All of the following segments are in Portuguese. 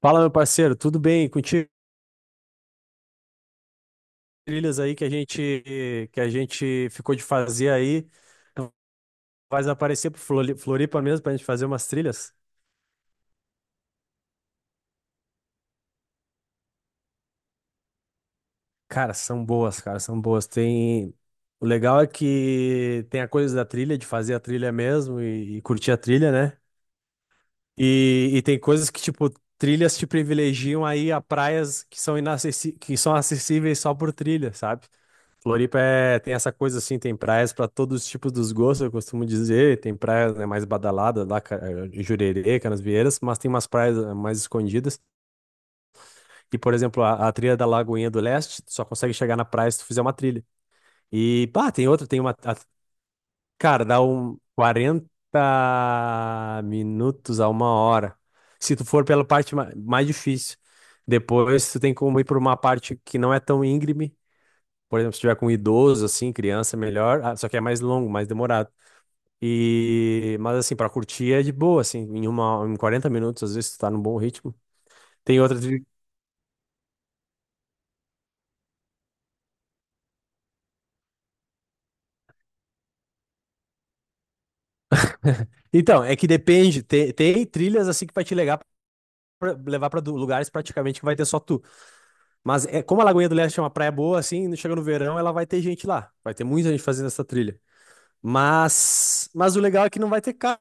Fala, meu parceiro, tudo bem? Contigo, trilhas aí que a gente ficou de fazer aí, vai aparecer pro Floripa mesmo pra gente fazer umas trilhas? Cara, são boas, cara, são boas. Tem o legal é que tem a coisa da trilha, de fazer a trilha mesmo e curtir a trilha, né? E tem coisas que tipo trilhas te privilegiam aí a praias que são que são acessíveis só por trilha, sabe? Floripa é, tem essa coisa assim, tem praias para todos os tipos dos gostos, eu costumo dizer. Tem praias, né, mais badaladas lá, Jurerê, Canasvieiras, mas tem umas praias mais escondidas. E, por exemplo, a trilha da Lagoinha do Leste, tu só consegue chegar na praia se tu fizer uma trilha. E, pá, tem outra, cara, dá um 40 minutos a uma hora. Se tu for pela parte mais difícil. Depois tu tem como ir por uma parte que não é tão íngreme, por exemplo, se tiver com idoso, assim, criança, é melhor. Ah, só que é mais longo, mais demorado. Mas, assim, pra curtir é de boa, assim. Em 40 minutos, às vezes, tu tá num bom ritmo. Tem outras... Então, é que depende. Tem trilhas, assim, que vai te levar pra, lugares praticamente que vai ter só tu. Mas é... como a Lagoinha do Leste é uma praia boa, assim, chega no verão, ela vai ter gente lá. Vai ter muita gente fazendo essa trilha. Mas o legal é que não vai ter carro,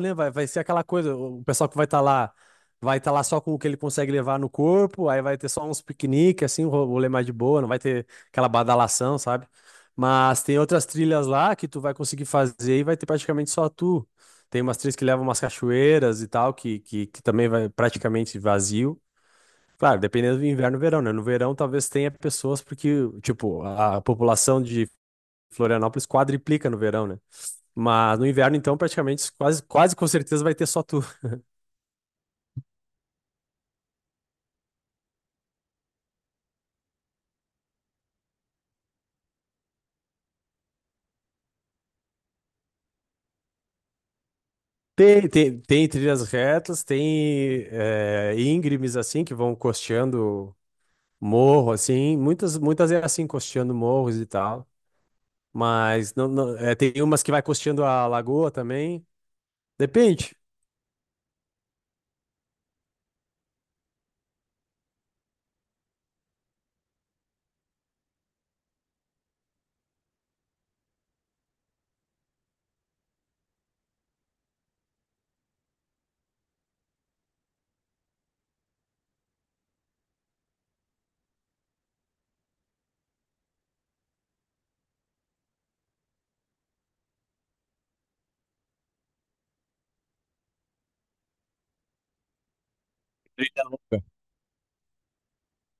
né? Vai, vai ser aquela coisa, o pessoal que vai estar lá só com o que ele consegue levar no corpo, aí vai ter só uns piqueniques, assim, um rolê mais de boa, não vai ter aquela badalação, sabe? Mas tem outras trilhas lá que tu vai conseguir fazer e vai ter praticamente só tu. Tem umas trilhas que levam umas cachoeiras e tal, que também vai praticamente vazio. Claro, dependendo do inverno e verão, né? No verão talvez tenha pessoas, porque, tipo, a população de Florianópolis quadriplica no verão, né? Mas no inverno, então, praticamente quase, quase com certeza vai ter só tu. Tem trilhas retas, tem é, íngremes assim que vão costeando morro, assim. Muitas, muitas é assim, costeando morros e tal. Mas é, tem umas que vai costeando a lagoa também. Depende. Trilha longa.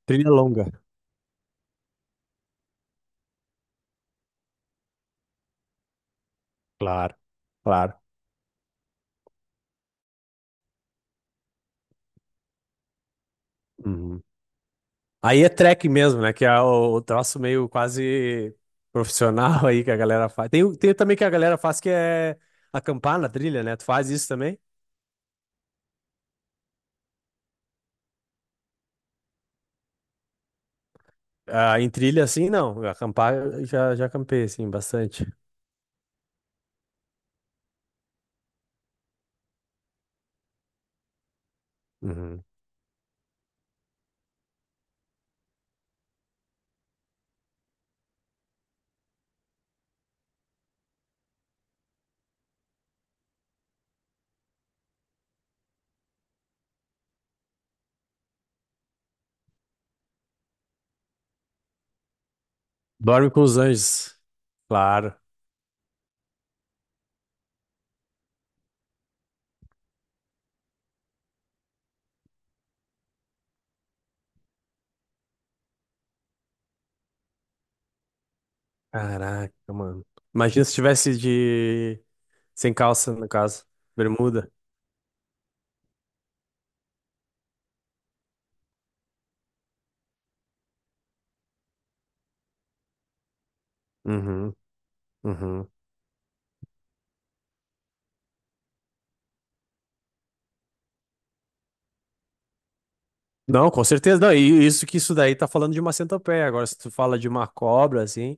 Trilha longa. Claro, claro. Uhum. Aí é track mesmo, né? Que é o troço meio quase profissional aí que a galera faz. Tem também que a galera faz que é acampar na trilha, né? Tu faz isso também? Ah, em trilha, assim, não. Acampar, eu já acampei, assim, bastante. Uhum. Dorme com os anjos. Claro. Caraca, mano. Imagina se tivesse de... Sem calça, no caso. Bermuda. Uhum, uhum. Não, com certeza não. E isso que isso daí tá falando de uma centopeia. Agora, se tu fala de uma cobra, assim...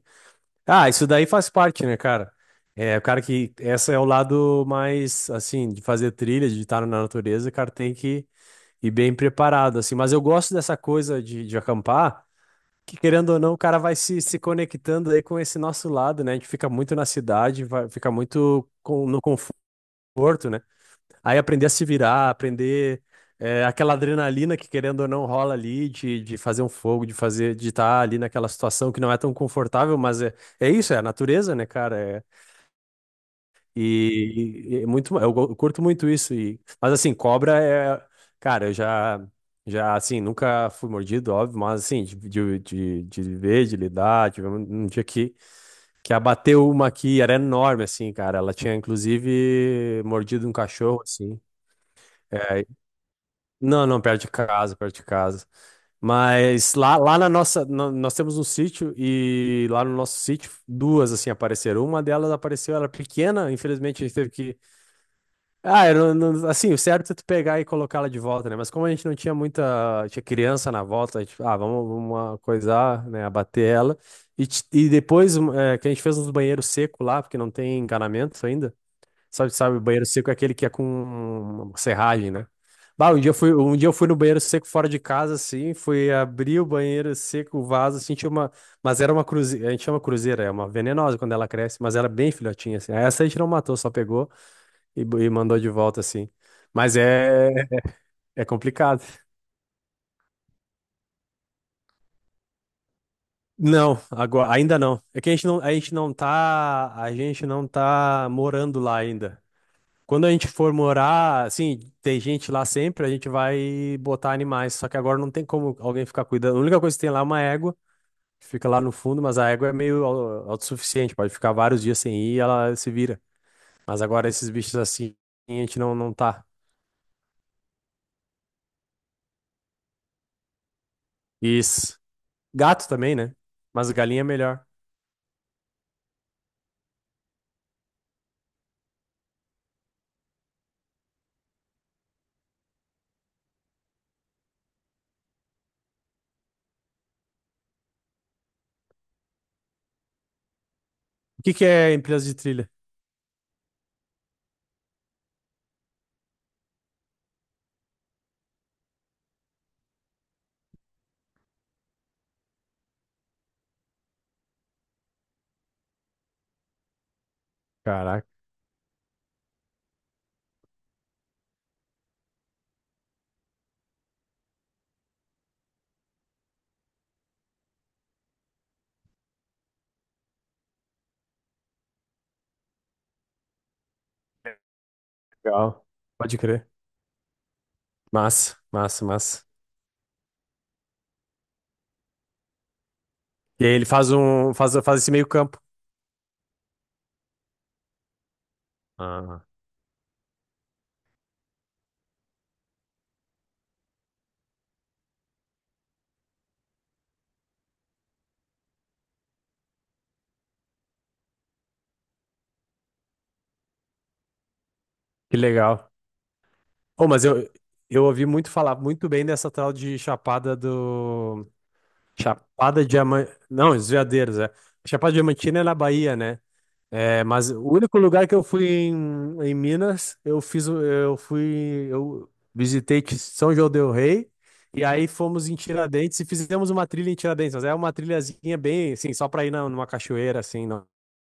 Ah, isso daí faz parte, né, cara? É, o cara que. Essa é o lado mais, assim, de fazer trilha, de estar na natureza, o cara tem que ir bem preparado, assim. Mas eu gosto dessa coisa de acampar, que querendo ou não, o cara vai se conectando aí com esse nosso lado, né? A gente fica muito na cidade, vai, fica muito no conforto, né? Aí aprender a se virar, aprender é, aquela adrenalina que querendo ou não rola ali de fazer um fogo, de fazer, de estar ali naquela situação que não é tão confortável, mas é, é isso, é a natureza, né, cara? É, e, e é muito, eu curto muito isso. E, mas assim, cobra é, cara, eu já assim, nunca fui mordido, óbvio, mas assim, de ver, de lidar, tive um, um dia que abateu uma aqui, era enorme, assim, cara. Ela tinha, inclusive, mordido um cachorro, assim. É, Não, não, perto de casa, perto de casa. Mas lá, lá na nossa, nós temos um sítio e lá no nosso sítio duas assim apareceram. Uma delas apareceu, ela era pequena, infelizmente a gente teve que, ah, eu assim, o certo é tu pegar e colocar ela de volta, né? Mas como a gente não tinha muita, tinha criança na volta, a gente, ah, vamos, vamos coisar, né, abater ela. E, e depois que a gente fez uns banheiros secos lá, porque não tem encanamento ainda. Sabe, o banheiro seco é aquele que é com serragem, né? Bah, um dia eu fui no banheiro seco fora de casa, assim, fui abrir o banheiro seco, o vaso, assim, tinha uma. Mas era uma cruzeira, a gente chama cruzeira, é uma venenosa quando ela cresce, mas era bem filhotinha, assim. Aí essa a gente não matou, só pegou e mandou de volta, assim. Mas é, é complicado. Não, agora, ainda não. É que a gente não tá morando lá ainda. Quando a gente for morar, assim, tem gente lá sempre, a gente vai botar animais. Só que agora não tem como alguém ficar cuidando. A única coisa que tem lá é uma égua, que fica lá no fundo, mas a égua é meio autossuficiente, pode ficar vários dias sem ir e ela se vira. Mas agora esses bichos assim, a gente não tá. Isso. Gato também, né? Mas galinha é melhor. O que que é empresa de trilha? Caraca, legal. Pode crer. Massa, massa, massa. E aí ele faz um, faz, faz esse meio campo. Ah, que legal. Oh, mas eu ouvi muito falar muito bem dessa tal de Chapada do. Chapada Diamantina. Não, Veadeiros, é. Chapada Diamantina é na Bahia, né? É, mas o único lugar que eu fui em, em Minas, eu fiz. Eu fui. Eu visitei São João del Rei. E aí fomos em Tiradentes e fizemos uma trilha em Tiradentes, mas é uma trilhazinha bem, assim, só para ir numa cachoeira, assim, não,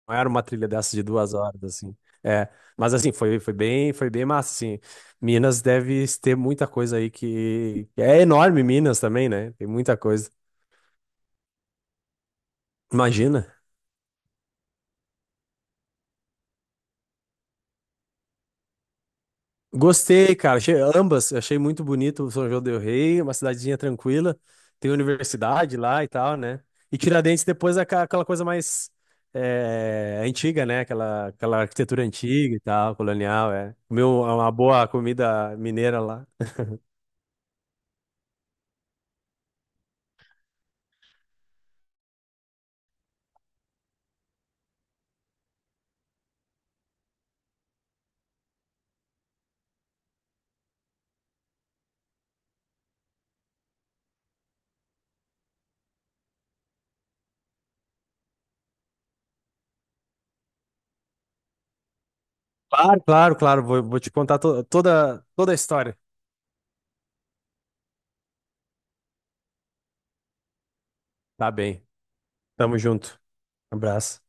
não era uma trilha dessas de 2 horas, assim. É, mas assim, foi, foi bem massa, assim. Minas deve ter muita coisa aí que... É enorme Minas também, né? Tem muita coisa. Imagina. Gostei, cara. Achei ambas. Achei muito bonito o São João del Rei, uma cidadezinha tranquila. Tem universidade lá e tal, né? E Tiradentes depois é aquela coisa mais é, antiga, né? Aquela, aquela arquitetura antiga e tal, colonial, é. Comeu uma boa comida mineira lá. Claro, claro, claro. Vou, vou te contar toda, toda a história. Tá bem. Tamo junto. Abraço.